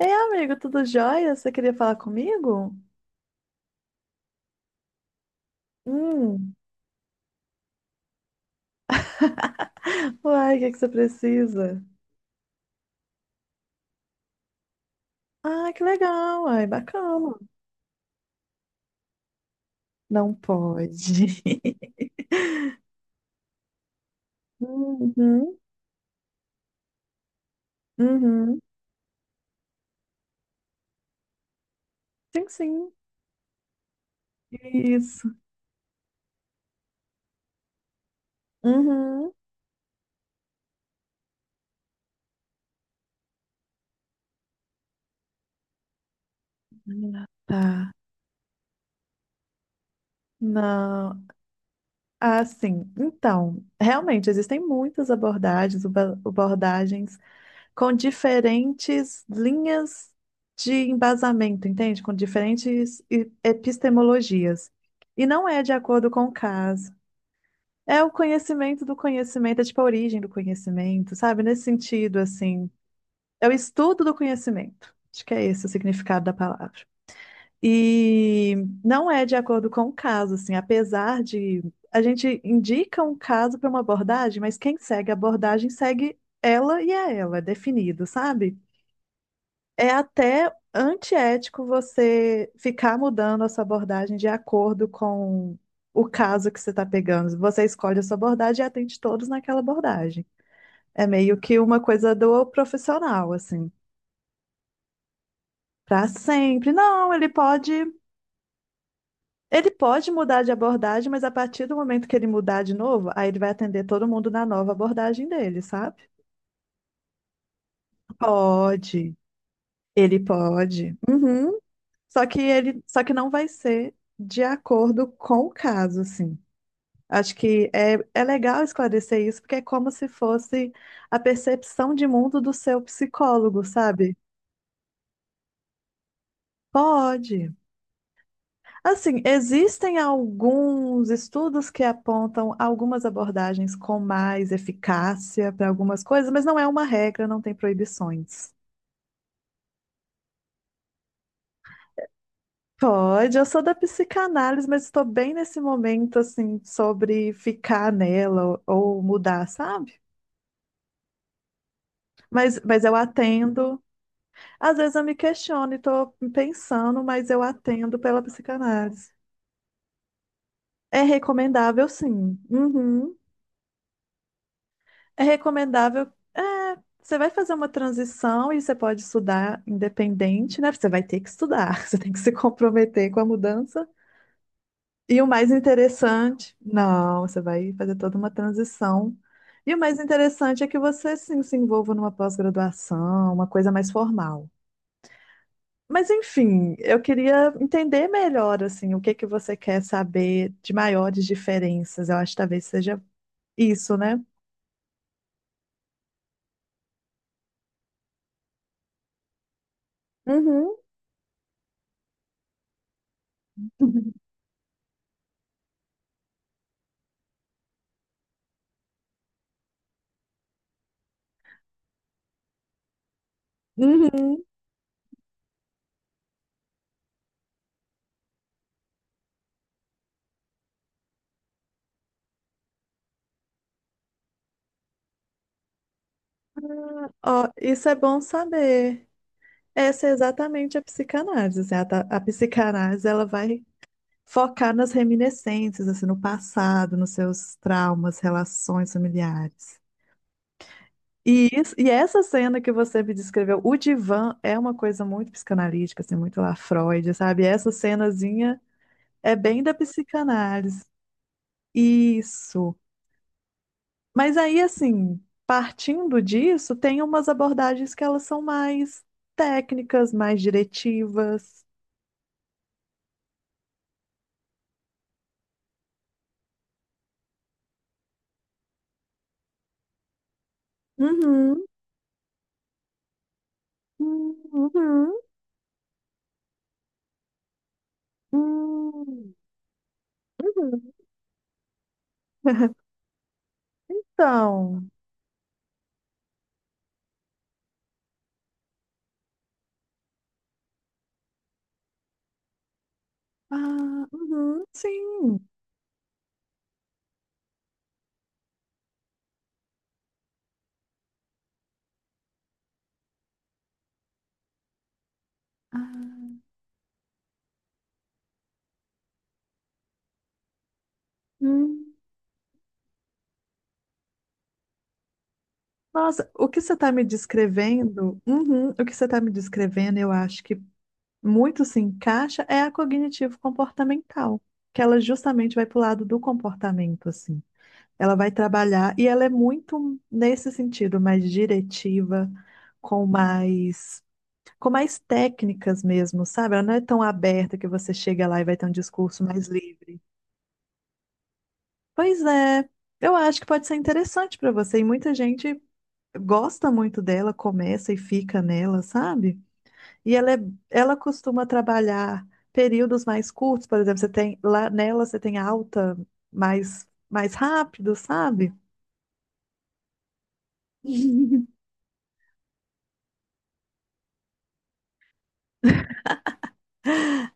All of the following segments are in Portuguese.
Ei, amigo, tudo jóia? Você queria falar comigo? Hum. Uai, o que que você precisa? Ah, que legal, uai, bacana. Não pode. Uhum, uhum. Sim, sim. Isso. Uhum. Ah, tá. Não. Ah, sim. Então, realmente, existem muitas abordagens, abordagens com diferentes linhas de embasamento, entende? Com diferentes epistemologias. E não é de acordo com o caso. É o conhecimento do conhecimento, é tipo a origem do conhecimento, sabe? Nesse sentido, assim, é o estudo do conhecimento. Acho que é esse o significado da palavra. E não é de acordo com o caso, assim, apesar de a gente indica um caso para uma abordagem, mas quem segue a abordagem segue ela e é ela, é definido, sabe? É até antiético você ficar mudando a sua abordagem de acordo com o caso que você está pegando. Você escolhe a sua abordagem e atende todos naquela abordagem. É meio que uma coisa do profissional, assim, para sempre. Não, ele pode mudar de abordagem, mas a partir do momento que ele mudar de novo, aí ele vai atender todo mundo na nova abordagem dele, sabe? Pode. Ele pode. Uhum. Só que não vai ser de acordo com o caso, assim. Acho que é, é legal esclarecer isso, porque é como se fosse a percepção de mundo do seu psicólogo, sabe? Pode. Assim, existem alguns estudos que apontam algumas abordagens com mais eficácia para algumas coisas, mas não é uma regra, não tem proibições. Pode, eu sou da psicanálise, mas estou bem nesse momento, assim, sobre ficar nela ou mudar, sabe? Mas eu atendo. Às vezes eu me questiono e estou pensando, mas eu atendo pela psicanálise. É recomendável, sim. Uhum. É recomendável. Você vai fazer uma transição e você pode estudar independente, né? Você vai ter que estudar, você tem que se comprometer com a mudança. E o mais interessante, não, você vai fazer toda uma transição. E o mais interessante é que você sim se envolva numa pós-graduação, uma coisa mais formal. Mas enfim, eu queria entender melhor assim, o que que você quer saber de maiores diferenças. Eu acho que talvez seja isso, né? Uhum. Uhum. Ó, isso é bom saber. Essa é exatamente a psicanálise. Assim, a psicanálise ela vai focar nas reminiscências, assim, no passado, nos seus traumas, relações familiares. E, isso, e essa cena que você me descreveu, o divã é uma coisa muito psicanalítica, assim, muito lá Freud, sabe? Essa cenazinha é bem da psicanálise. Isso. Mas aí, assim, partindo disso, tem umas abordagens que elas são mais técnicas, mais diretivas. Uhum, uhum, uhum, uhum. Então, ah, uhum, sim. Ah, hum. Nossa, o que você está me descrevendo, uhum, o que você está me descrevendo, eu acho que muito se encaixa é a cognitivo-comportamental, que ela justamente vai para o lado do comportamento, assim. Ela vai trabalhar e ela é muito nesse sentido, mais diretiva, com mais, com mais técnicas mesmo, sabe? Ela não é tão aberta que você chega lá e vai ter um discurso mais livre. Pois é, eu acho que pode ser interessante para você. E muita gente gosta muito dela, começa e fica nela, sabe? E ela, é, ela costuma trabalhar períodos mais curtos, por exemplo, você tem lá nela você tem alta mais rápido, sabe?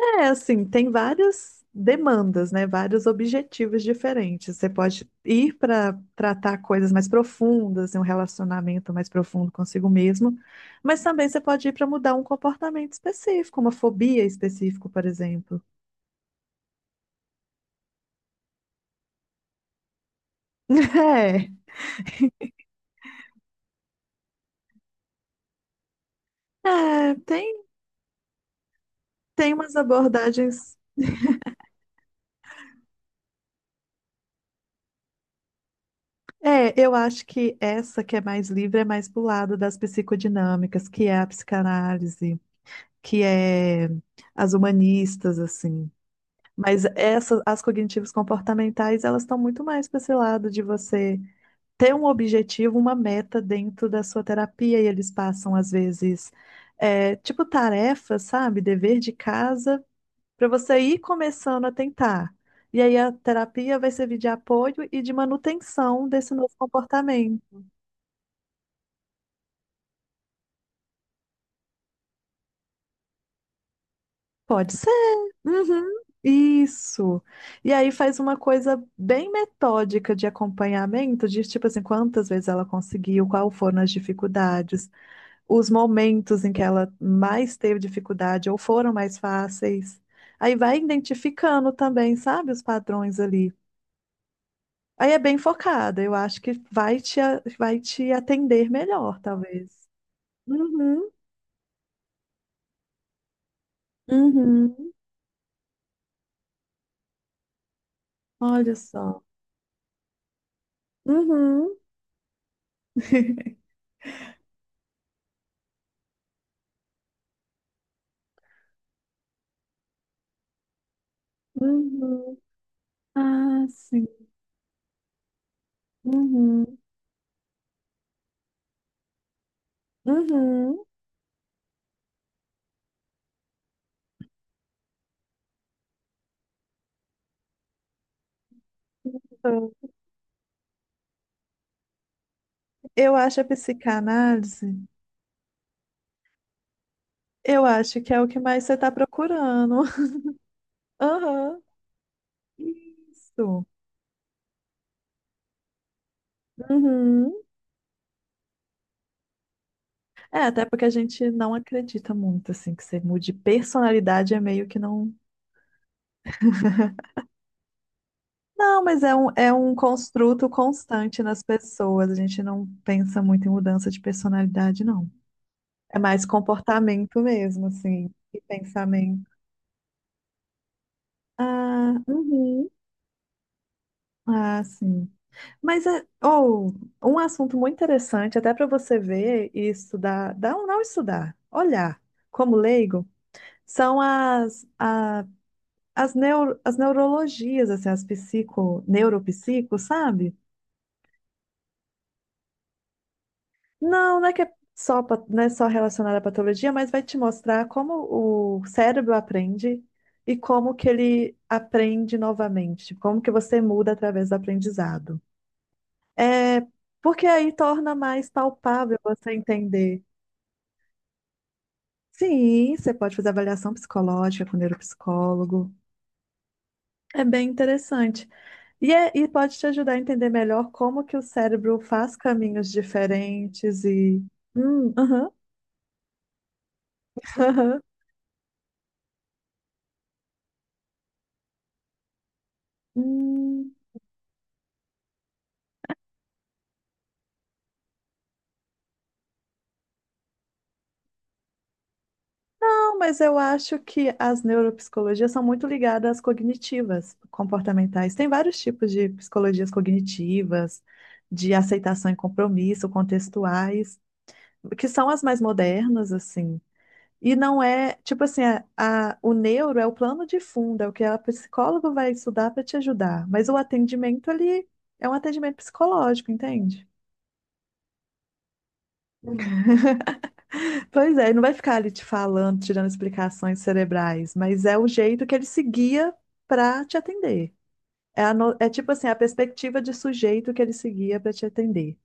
É assim, tem várias demandas, né? Vários objetivos diferentes. Você pode ir para tratar coisas mais profundas, um relacionamento mais profundo consigo mesmo, mas também você pode ir para mudar um comportamento específico, uma fobia específica, por exemplo. É, é, tem, tem umas abordagens. É, eu acho que essa que é mais livre é mais pro lado das psicodinâmicas, que é a psicanálise, que é as humanistas, assim. Mas essas, as cognitivas comportamentais, elas estão muito mais para esse lado de você ter um objetivo, uma meta dentro da sua terapia, e eles passam, às vezes, é, tipo tarefa, sabe? Dever de casa, para você ir começando a tentar. E aí a terapia vai servir de apoio e de manutenção desse novo comportamento. Pode. Uhum, isso. E aí faz uma coisa bem metódica de acompanhamento, de tipo assim, quantas vezes ela conseguiu, qual foram as dificuldades, os momentos em que ela mais teve dificuldade ou foram mais fáceis. Aí vai identificando também, sabe, os padrões ali. Aí é bem focada, eu acho que vai te, vai te atender melhor, talvez. Uhum, uhum. Olha só. Uhum. Uhum. Ah, sim. Uhum, uhum. Então, eu acho a psicanálise, eu acho que é o que mais você está procurando. Aham, isso. Uhum. É, até porque a gente não acredita muito, assim, que você mude personalidade, é meio que não. Não, mas é um construto constante nas pessoas. A gente não pensa muito em mudança de personalidade, não. É mais comportamento mesmo, assim, e pensamento. Ah, uhum. Ah, sim. Mas é ou um assunto muito interessante, até para você ver e estudar, dá ou não estudar, olhar como leigo, são as, as, neuro, as neurologias, assim, as psico, neuropsico, sabe? Não, não é que é só, não é só relacionada à patologia, mas vai te mostrar como o cérebro aprende e como que ele aprende novamente, como que você muda através do aprendizado. É, porque aí torna mais palpável você entender. Sim, você pode fazer avaliação psicológica com neuropsicólogo. É bem interessante. E, e pode te ajudar a entender melhor como que o cérebro faz caminhos diferentes e... aham, aham. Hum, não, mas eu acho que as neuropsicologias são muito ligadas às cognitivas, comportamentais. Tem vários tipos de psicologias cognitivas, de aceitação e compromisso, contextuais, que são as mais modernas, assim. E não é, tipo assim, a, o neuro é o plano de fundo, é o que a psicóloga vai estudar para te ajudar. Mas o atendimento ali é um atendimento psicológico, entende? Uhum. Pois é, ele não vai ficar ali te falando, tirando explicações cerebrais, mas é o jeito que ele seguia para te atender. É, a é tipo assim, a perspectiva de sujeito que ele seguia para te atender.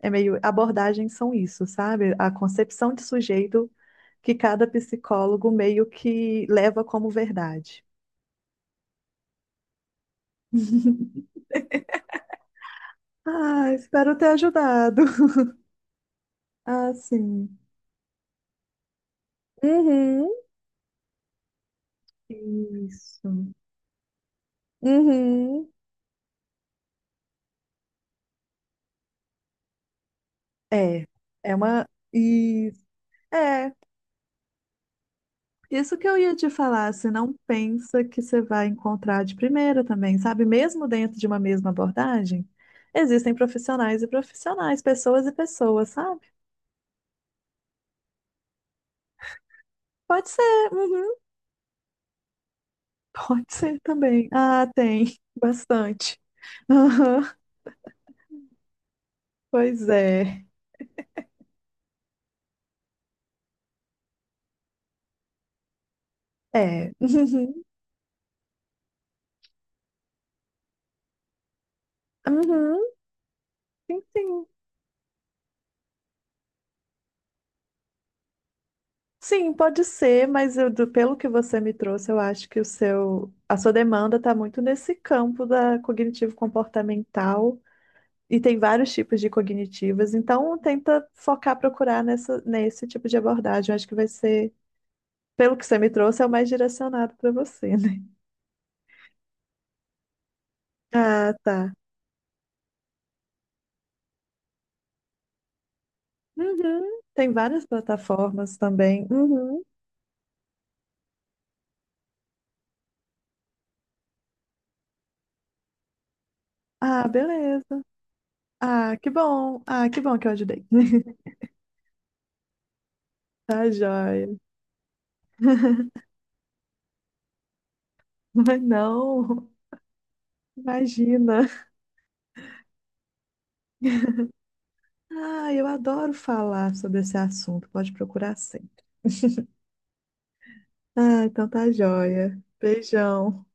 É meio, abordagens são isso, sabe? A concepção de sujeito que cada psicólogo meio que leva como verdade. Ah, espero ter ajudado. Ah, sim. Uhum, isso. Uhum. É, é uma. E, é, isso que eu ia te falar. Você não pensa que você vai encontrar de primeira também, sabe? Mesmo dentro de uma mesma abordagem, existem profissionais e profissionais, pessoas e pessoas, sabe? Pode ser, uhum, pode ser também. Ah, tem, bastante. Aham, pois é. É. Uhum, uhum. Sim, sim. Sim, pode ser, mas eu, pelo que você me trouxe, eu acho que o seu, a sua demanda está muito nesse campo da cognitivo-comportamental e tem vários tipos de cognitivas, então tenta focar, procurar nessa, nesse tipo de abordagem. Eu acho que vai ser, pelo que você me trouxe, é o mais direcionado para você, né? Ah, tá. Uhum. Tem várias plataformas também. Uhum. Ah, beleza. Ah, que bom. Ah, que bom que eu ajudei. Tá joia. Mas não. Imagina. Ah, eu adoro falar sobre esse assunto. Pode procurar sempre. Ah, então tá joia. Beijão.